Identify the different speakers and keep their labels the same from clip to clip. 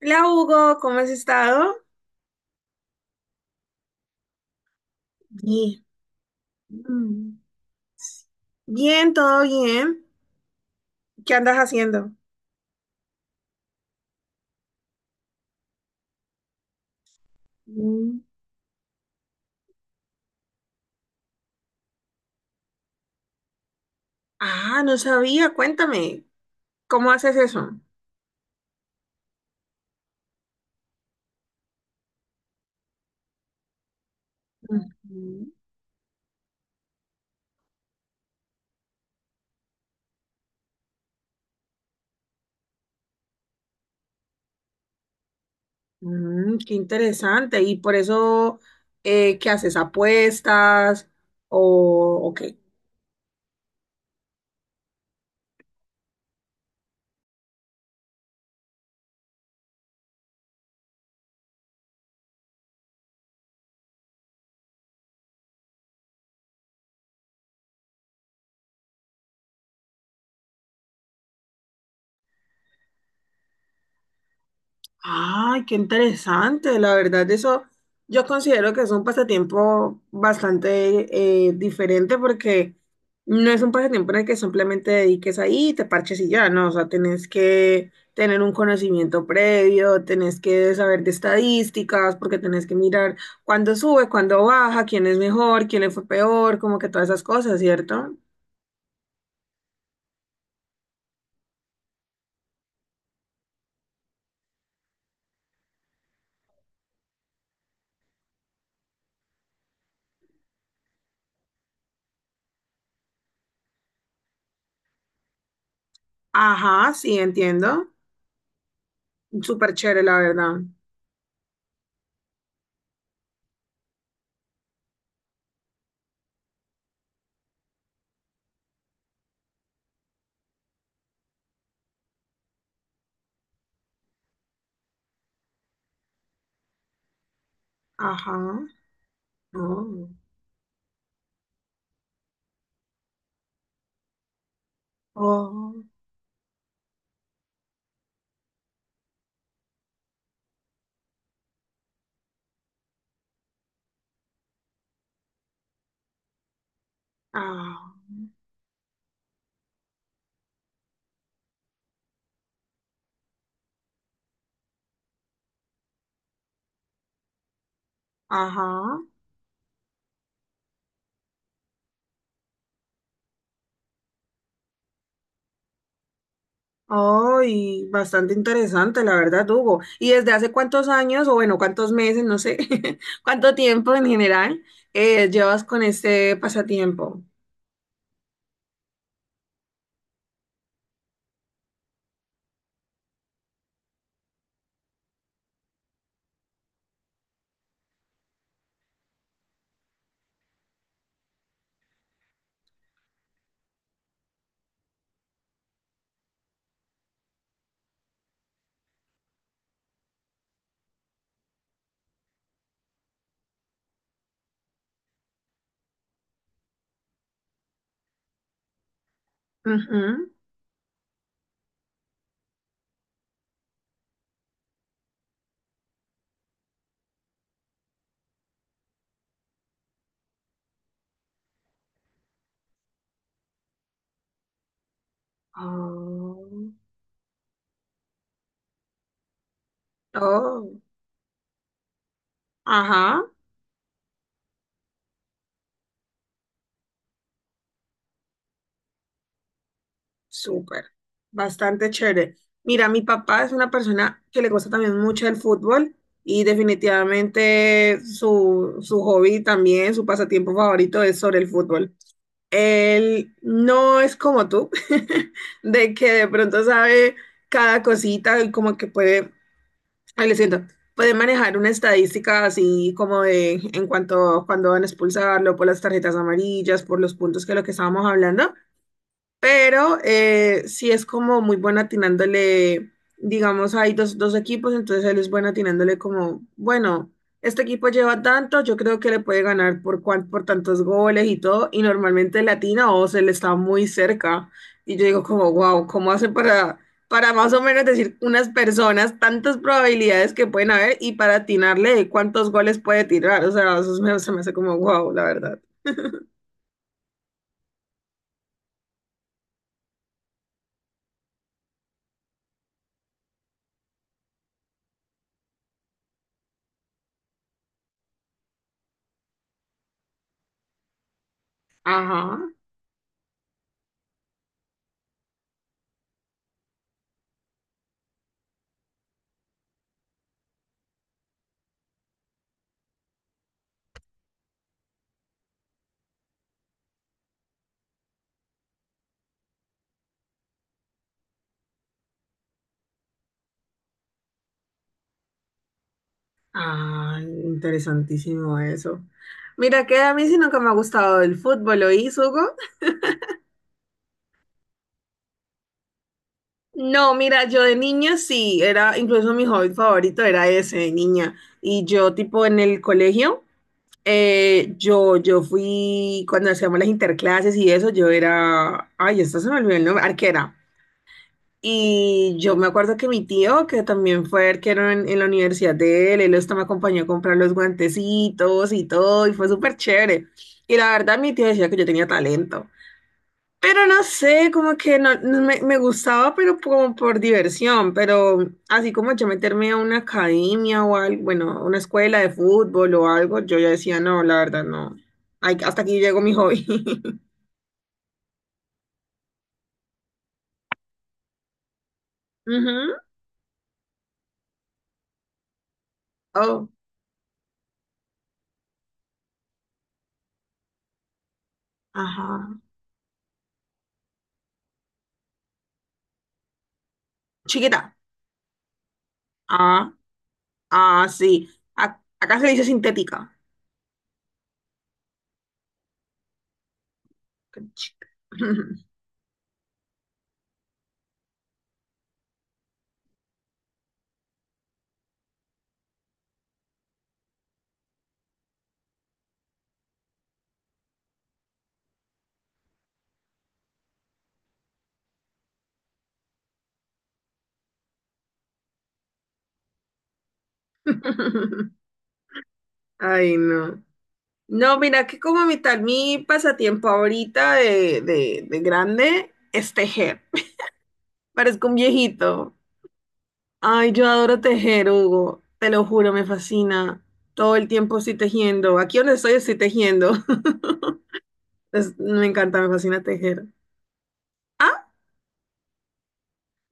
Speaker 1: Hola Hugo, ¿cómo has estado? Bien. Mm, bien, todo bien. ¿Qué andas haciendo? Mm, ah, no sabía, cuéntame, ¿cómo haces eso? Ujú. Mm, qué interesante. ¿Y por eso qué haces? ¿Apuestas? ¿O qué? Ay, qué interesante, la verdad, eso yo considero que es un pasatiempo bastante diferente porque no es un pasatiempo en el que simplemente dediques ahí y te parches y ya, no, o sea, tenés que tener un conocimiento previo, tenés que saber de estadísticas, porque tenés que mirar cuándo sube, cuándo baja, quién es mejor, quién le fue peor, como que todas esas cosas, ¿cierto? Ajá, sí, entiendo. Súper chévere, la verdad. Ajá. Oh. Oh. Ah, ajá. Oh, bastante interesante, la verdad, Hugo. ¿Y desde hace cuántos años, o bueno, cuántos meses, no sé, cuánto tiempo en general llevas con este pasatiempo? Ujú. Oh, oh, ajá, súper, bastante chévere. Mira, mi papá es una persona que le gusta también mucho el fútbol y definitivamente su hobby también, su pasatiempo favorito es sobre el fútbol. Él no es como tú, de que de pronto sabe cada cosita y como que puede, ay, lo siento, puede manejar una estadística así como de en cuanto cuando van a expulsarlo por las tarjetas amarillas, por los puntos que lo que estábamos hablando, pero sí es como muy bueno atinándole, digamos, hay dos equipos, entonces él es bueno atinándole como, bueno, este equipo lleva tanto, yo creo que le puede ganar por, por tantos goles y todo, y normalmente le atina o se le está muy cerca. Y yo digo como, wow, ¿cómo hace para más o menos decir unas personas tantas probabilidades que pueden haber y para atinarle de cuántos goles puede tirar? O sea, eso se me hace como, wow, la verdad. Ajá. Ah, interesantísimo eso. Mira, que a mí sí nunca me ha gustado el fútbol, ¿oís, Hugo? No, mira, yo de niña sí, era, incluso mi hobby favorito era ese de niña. Y yo, tipo, en el colegio, yo fui, cuando hacíamos las interclases y eso, yo era, ay, esta se me olvidó el nombre, arquera. Y yo me acuerdo que mi tío, que también fue arquero en la universidad de él, él hasta me acompañó a comprar los guantecitos y todo, y fue súper chévere. Y la verdad, mi tío decía que yo tenía talento. Pero no sé, como que no, me gustaba, pero como por diversión. Pero así como yo meterme a una academia o algo, bueno, a una escuela de fútbol o algo, yo ya decía, no, la verdad, no. Ay, hasta aquí llegó mi hobby. Ujú. Oh, ajá. Chiquita. Ah, sí. Acá se le dice sintética. Ay, no. No, mira que como mi tal, mi pasatiempo ahorita de grande es tejer. Parezco un viejito. Ay, yo adoro tejer, Hugo. Te lo juro, me fascina. Todo el tiempo estoy tejiendo. Aquí donde estoy estoy tejiendo. Me encanta, me fascina tejer.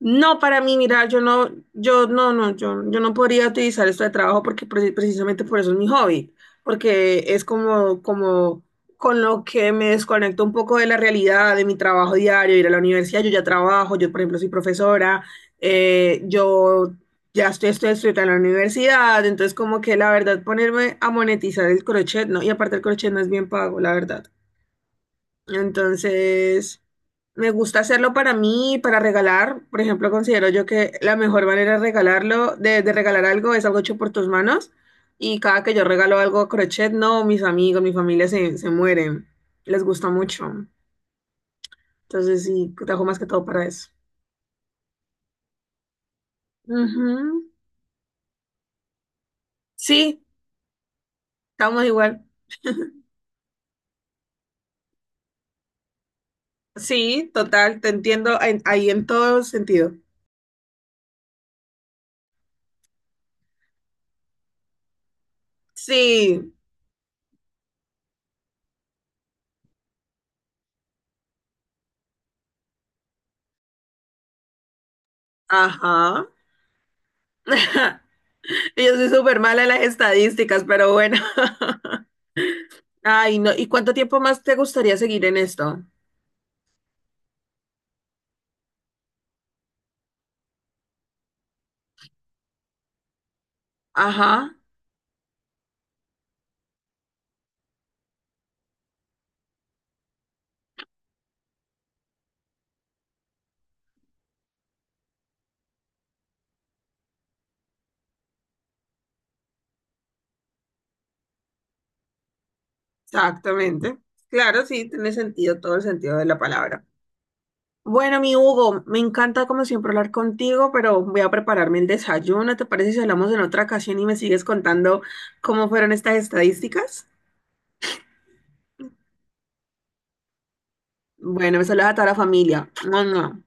Speaker 1: No, para mí, mira, yo no podría utilizar esto de trabajo porque precisamente por eso es mi hobby, porque es como, como con lo que me desconecto un poco de la realidad, de mi trabajo diario, ir a la universidad, yo ya trabajo, yo por ejemplo soy profesora, yo ya estoy, estoy estudiando en la universidad, entonces como que la verdad ponerme a monetizar el crochet, no, y aparte el crochet no es bien pago, la verdad. Entonces, me gusta hacerlo para mí, para regalar. Por ejemplo, considero yo que la mejor manera de regalarlo, de regalar algo, es algo hecho por tus manos. Y cada que yo regalo algo a crochet, no, mis amigos, mi familia se mueren. Les gusta mucho. Entonces, sí, trabajo más que todo para eso. Ujú. Sí, estamos igual. Sí, total, te entiendo ahí en todo sentido. Sí, ajá. Yo soy súper mala en las estadísticas, pero bueno. Ay, no. ¿Y cuánto tiempo más te gustaría seguir en esto? Ajá, exactamente. Claro, sí, tiene sentido, todo el sentido de la palabra. Bueno, mi Hugo, me encanta como siempre hablar contigo, pero voy a prepararme el desayuno. ¿Te parece si hablamos en otra ocasión y me sigues contando cómo fueron estas estadísticas? Bueno, me saludas a toda la familia. ¡Mua, mua!